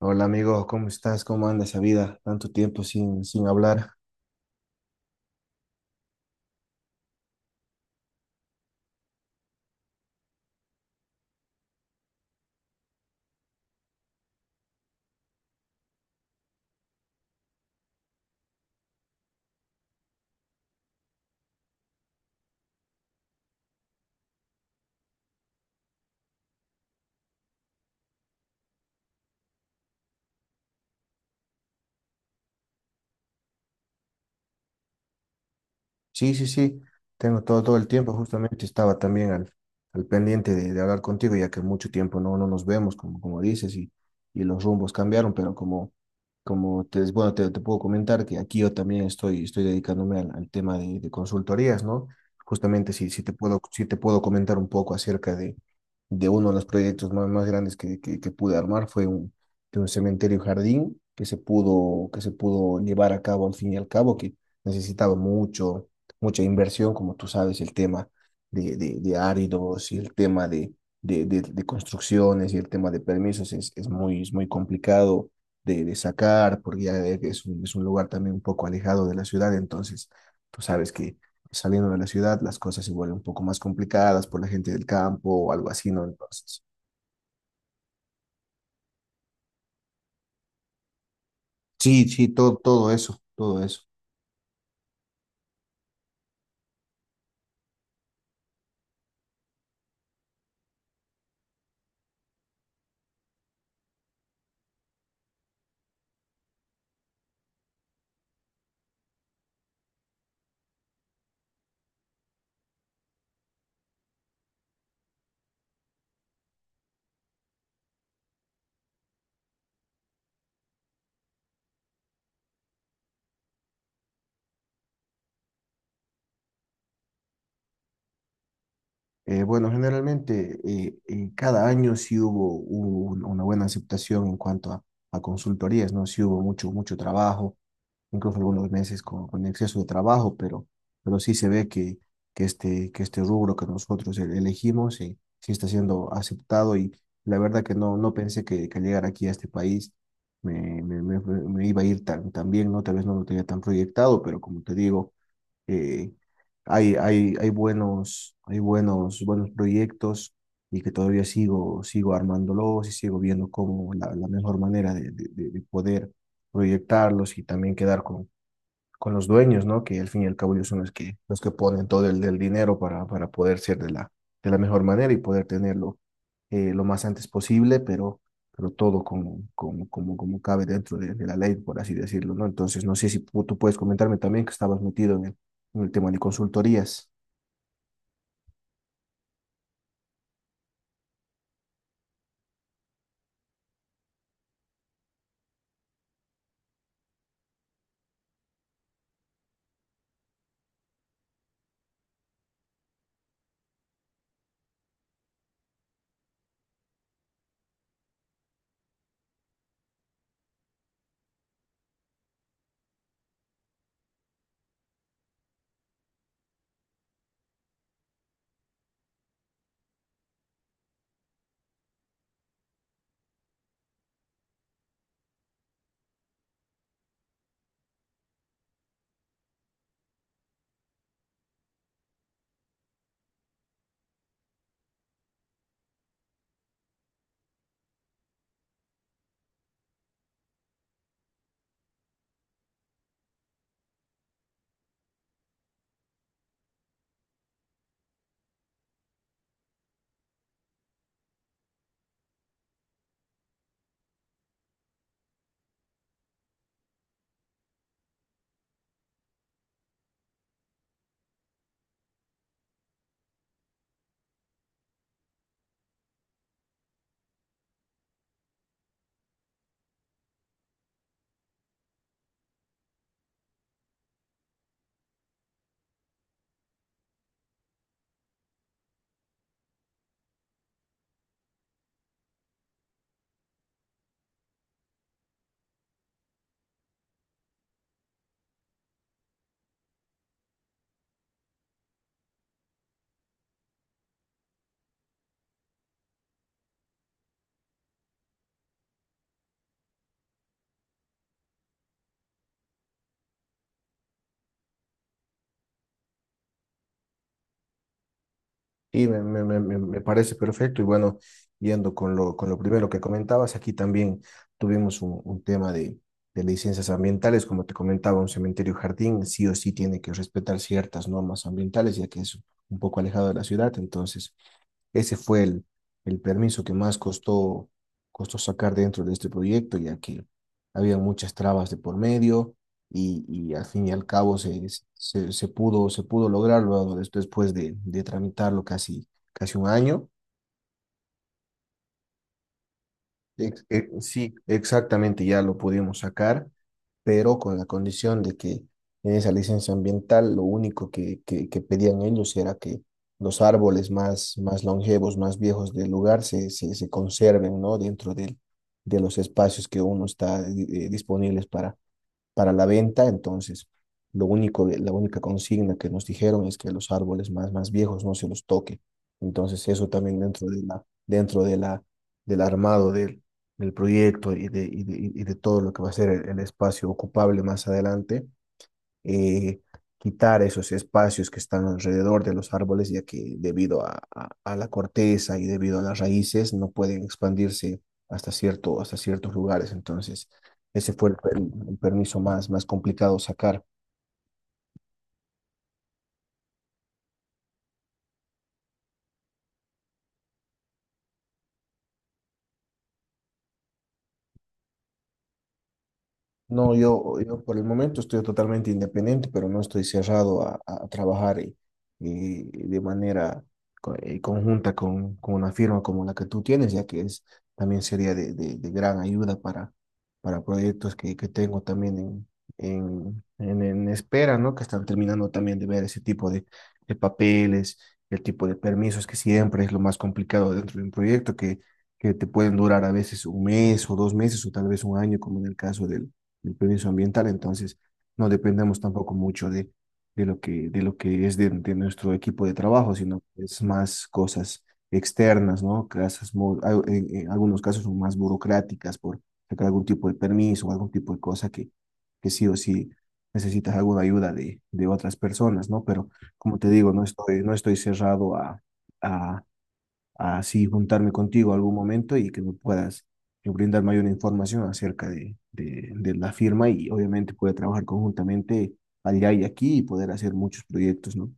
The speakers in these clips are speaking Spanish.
Hola amigo, ¿cómo estás? ¿Cómo anda esa vida? Tanto tiempo sin hablar. Sí, sí, sí, tengo todo el tiempo. Justamente estaba también al pendiente de hablar contigo, ya que mucho tiempo no nos vemos, como, como dices, y los rumbos cambiaron, pero como te puedo comentar que aquí yo también estoy dedicándome al tema de consultorías, ¿no? Justamente si te puedo, si te puedo comentar un poco acerca de uno de los proyectos más grandes que pude armar, fue de un cementerio jardín que se pudo llevar a cabo al fin y al cabo, que necesitaba mucha inversión, como tú sabes, el tema de áridos y el tema de construcciones y el tema de permisos es muy complicado de sacar, porque ya es es un lugar también un poco alejado de la ciudad, entonces tú sabes que saliendo de la ciudad las cosas se vuelven un poco más complicadas por la gente del campo o algo así, ¿no? Entonces, sí, sí, todo, todo eso, todo eso. Bueno, generalmente cada año sí hubo una buena aceptación en cuanto a consultorías, ¿no? Sí hubo mucho, mucho trabajo, incluso algunos meses con exceso de trabajo, pero sí se ve que este rubro que nosotros elegimos sí, sí está siendo aceptado y la verdad que no, no pensé que al llegar aquí a este país me iba a ir tan, tan bien, ¿no? Tal vez no lo tenía tan proyectado, pero como te digo, eh, hay buenos, buenos proyectos y que todavía sigo, sigo armándolos y sigo viendo cómo la, la mejor manera de poder proyectarlos y también quedar con los dueños, ¿no? Que al fin y al cabo ellos son los que ponen todo el dinero para poder ser de la mejor manera y poder tenerlo lo más antes posible, pero todo como cabe dentro de la ley, por así decirlo, ¿no? Entonces, no sé si tú puedes comentarme también que estabas metido en el tema de consultorías. Sí, me parece perfecto. Y bueno, yendo con lo primero que comentabas, aquí también tuvimos un tema de licencias ambientales. Como te comentaba, un cementerio jardín sí o sí tiene que respetar ciertas normas ambientales, ya que es un poco alejado de la ciudad. Entonces, ese fue el permiso que más costó, costó sacar dentro de este proyecto, ya que había muchas trabas de por medio y al fin y al cabo se pudo, se pudo lograrlo después de tramitarlo casi, casi un año. Sí, exactamente, ya lo pudimos sacar, pero con la condición de que en esa licencia ambiental lo único que pedían ellos era que los árboles más longevos, más viejos del lugar se conserven, ¿no? De los espacios que uno está disponibles para la venta, entonces lo único, la única consigna que nos dijeron es que los árboles más, más viejos no se los toque. Entonces eso también dentro de del armado del proyecto y de todo lo que va a ser el espacio ocupable más adelante, eh, quitar esos espacios que están alrededor de los árboles, ya que debido a la corteza y debido a las raíces no pueden expandirse hasta cierto, hasta ciertos lugares. Entonces, ese fue el permiso más, más complicado sacar. No, yo por el momento estoy totalmente independiente, pero no estoy cerrado a trabajar y de manera conjunta con una firma como la que tú tienes, ya que es, también sería de gran ayuda para proyectos que tengo también en espera, ¿no? Que están terminando también de ver ese tipo de papeles, el tipo de permisos, que siempre es lo más complicado dentro de un proyecto, que te pueden durar a veces un mes o dos meses o tal vez un año, como en el caso del el permiso ambiental, entonces no dependemos tampoco mucho de lo que es de nuestro equipo de trabajo, sino que es más cosas externas, ¿no? Casas, en algunos casos son más burocráticas por sacar algún tipo de permiso o algún tipo de cosa que sí o sí necesitas alguna ayuda de otras personas, ¿no? Pero como te digo, no estoy, no estoy cerrado a así juntarme contigo algún momento y que me puedas brindar mayor información acerca de la firma y obviamente poder trabajar conjuntamente allá y aquí y poder hacer muchos proyectos, ¿no?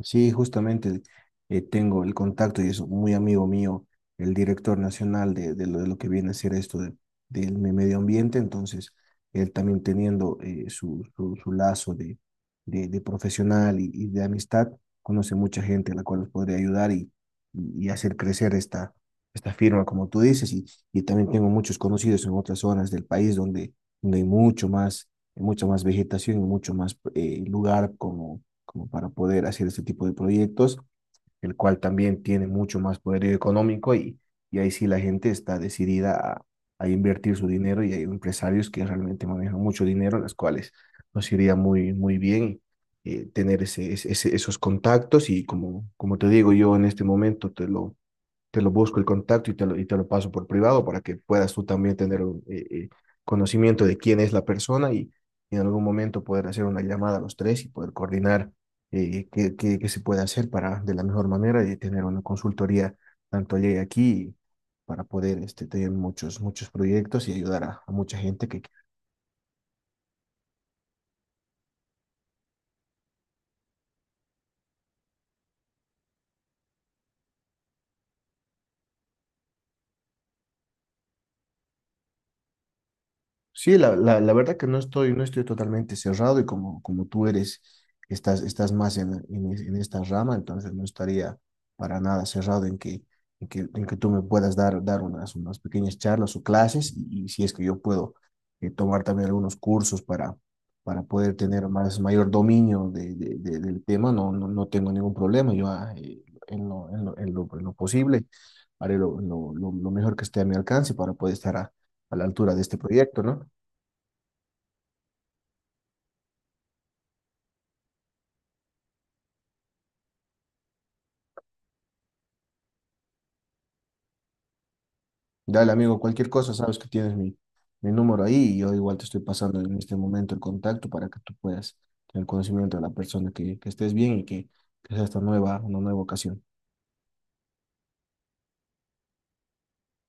Sí, justamente tengo el contacto y es muy amigo mío, el director nacional de lo que viene a ser esto del medio ambiente, entonces él también teniendo su lazo de profesional y de amistad, conoce mucha gente a la cual nos podría ayudar y hacer crecer esta firma, como tú dices, y también tengo muchos conocidos en otras zonas del país donde, donde hay mucho más, mucha más vegetación y mucho más lugar como como para poder hacer este tipo de proyectos, el cual también tiene mucho más poder económico y ahí sí la gente está decidida a invertir su dinero y hay empresarios que realmente manejan mucho dinero, las cuales nos iría muy, muy bien tener esos contactos y como, como te digo yo en este momento, te lo busco el contacto y te lo paso por privado para que puedas tú también tener un, conocimiento de quién es la persona y en algún momento poder hacer una llamada a los tres y poder coordinar qué se puede hacer para de la mejor manera y tener una consultoría tanto allá y aquí para poder este, tener muchos, muchos proyectos y ayudar a mucha gente que... Sí, la verdad que no estoy, no estoy totalmente cerrado y como tú eres, estás, estás más en esta rama, entonces no estaría para nada cerrado en que tú me puedas dar unas, unas pequeñas charlas o clases y si es que yo puedo tomar también algunos cursos para poder tener más, mayor dominio del tema, no, no, no tengo ningún problema, yo en lo, en lo, en lo posible haré lo mejor que esté a mi alcance para poder estar a la altura de este proyecto, ¿no? Dale, amigo, cualquier cosa, sabes que tienes mi número ahí y yo igual te estoy pasando en este momento el contacto para que tú puedas tener conocimiento de la persona, que estés bien que sea esta nueva, una nueva ocasión.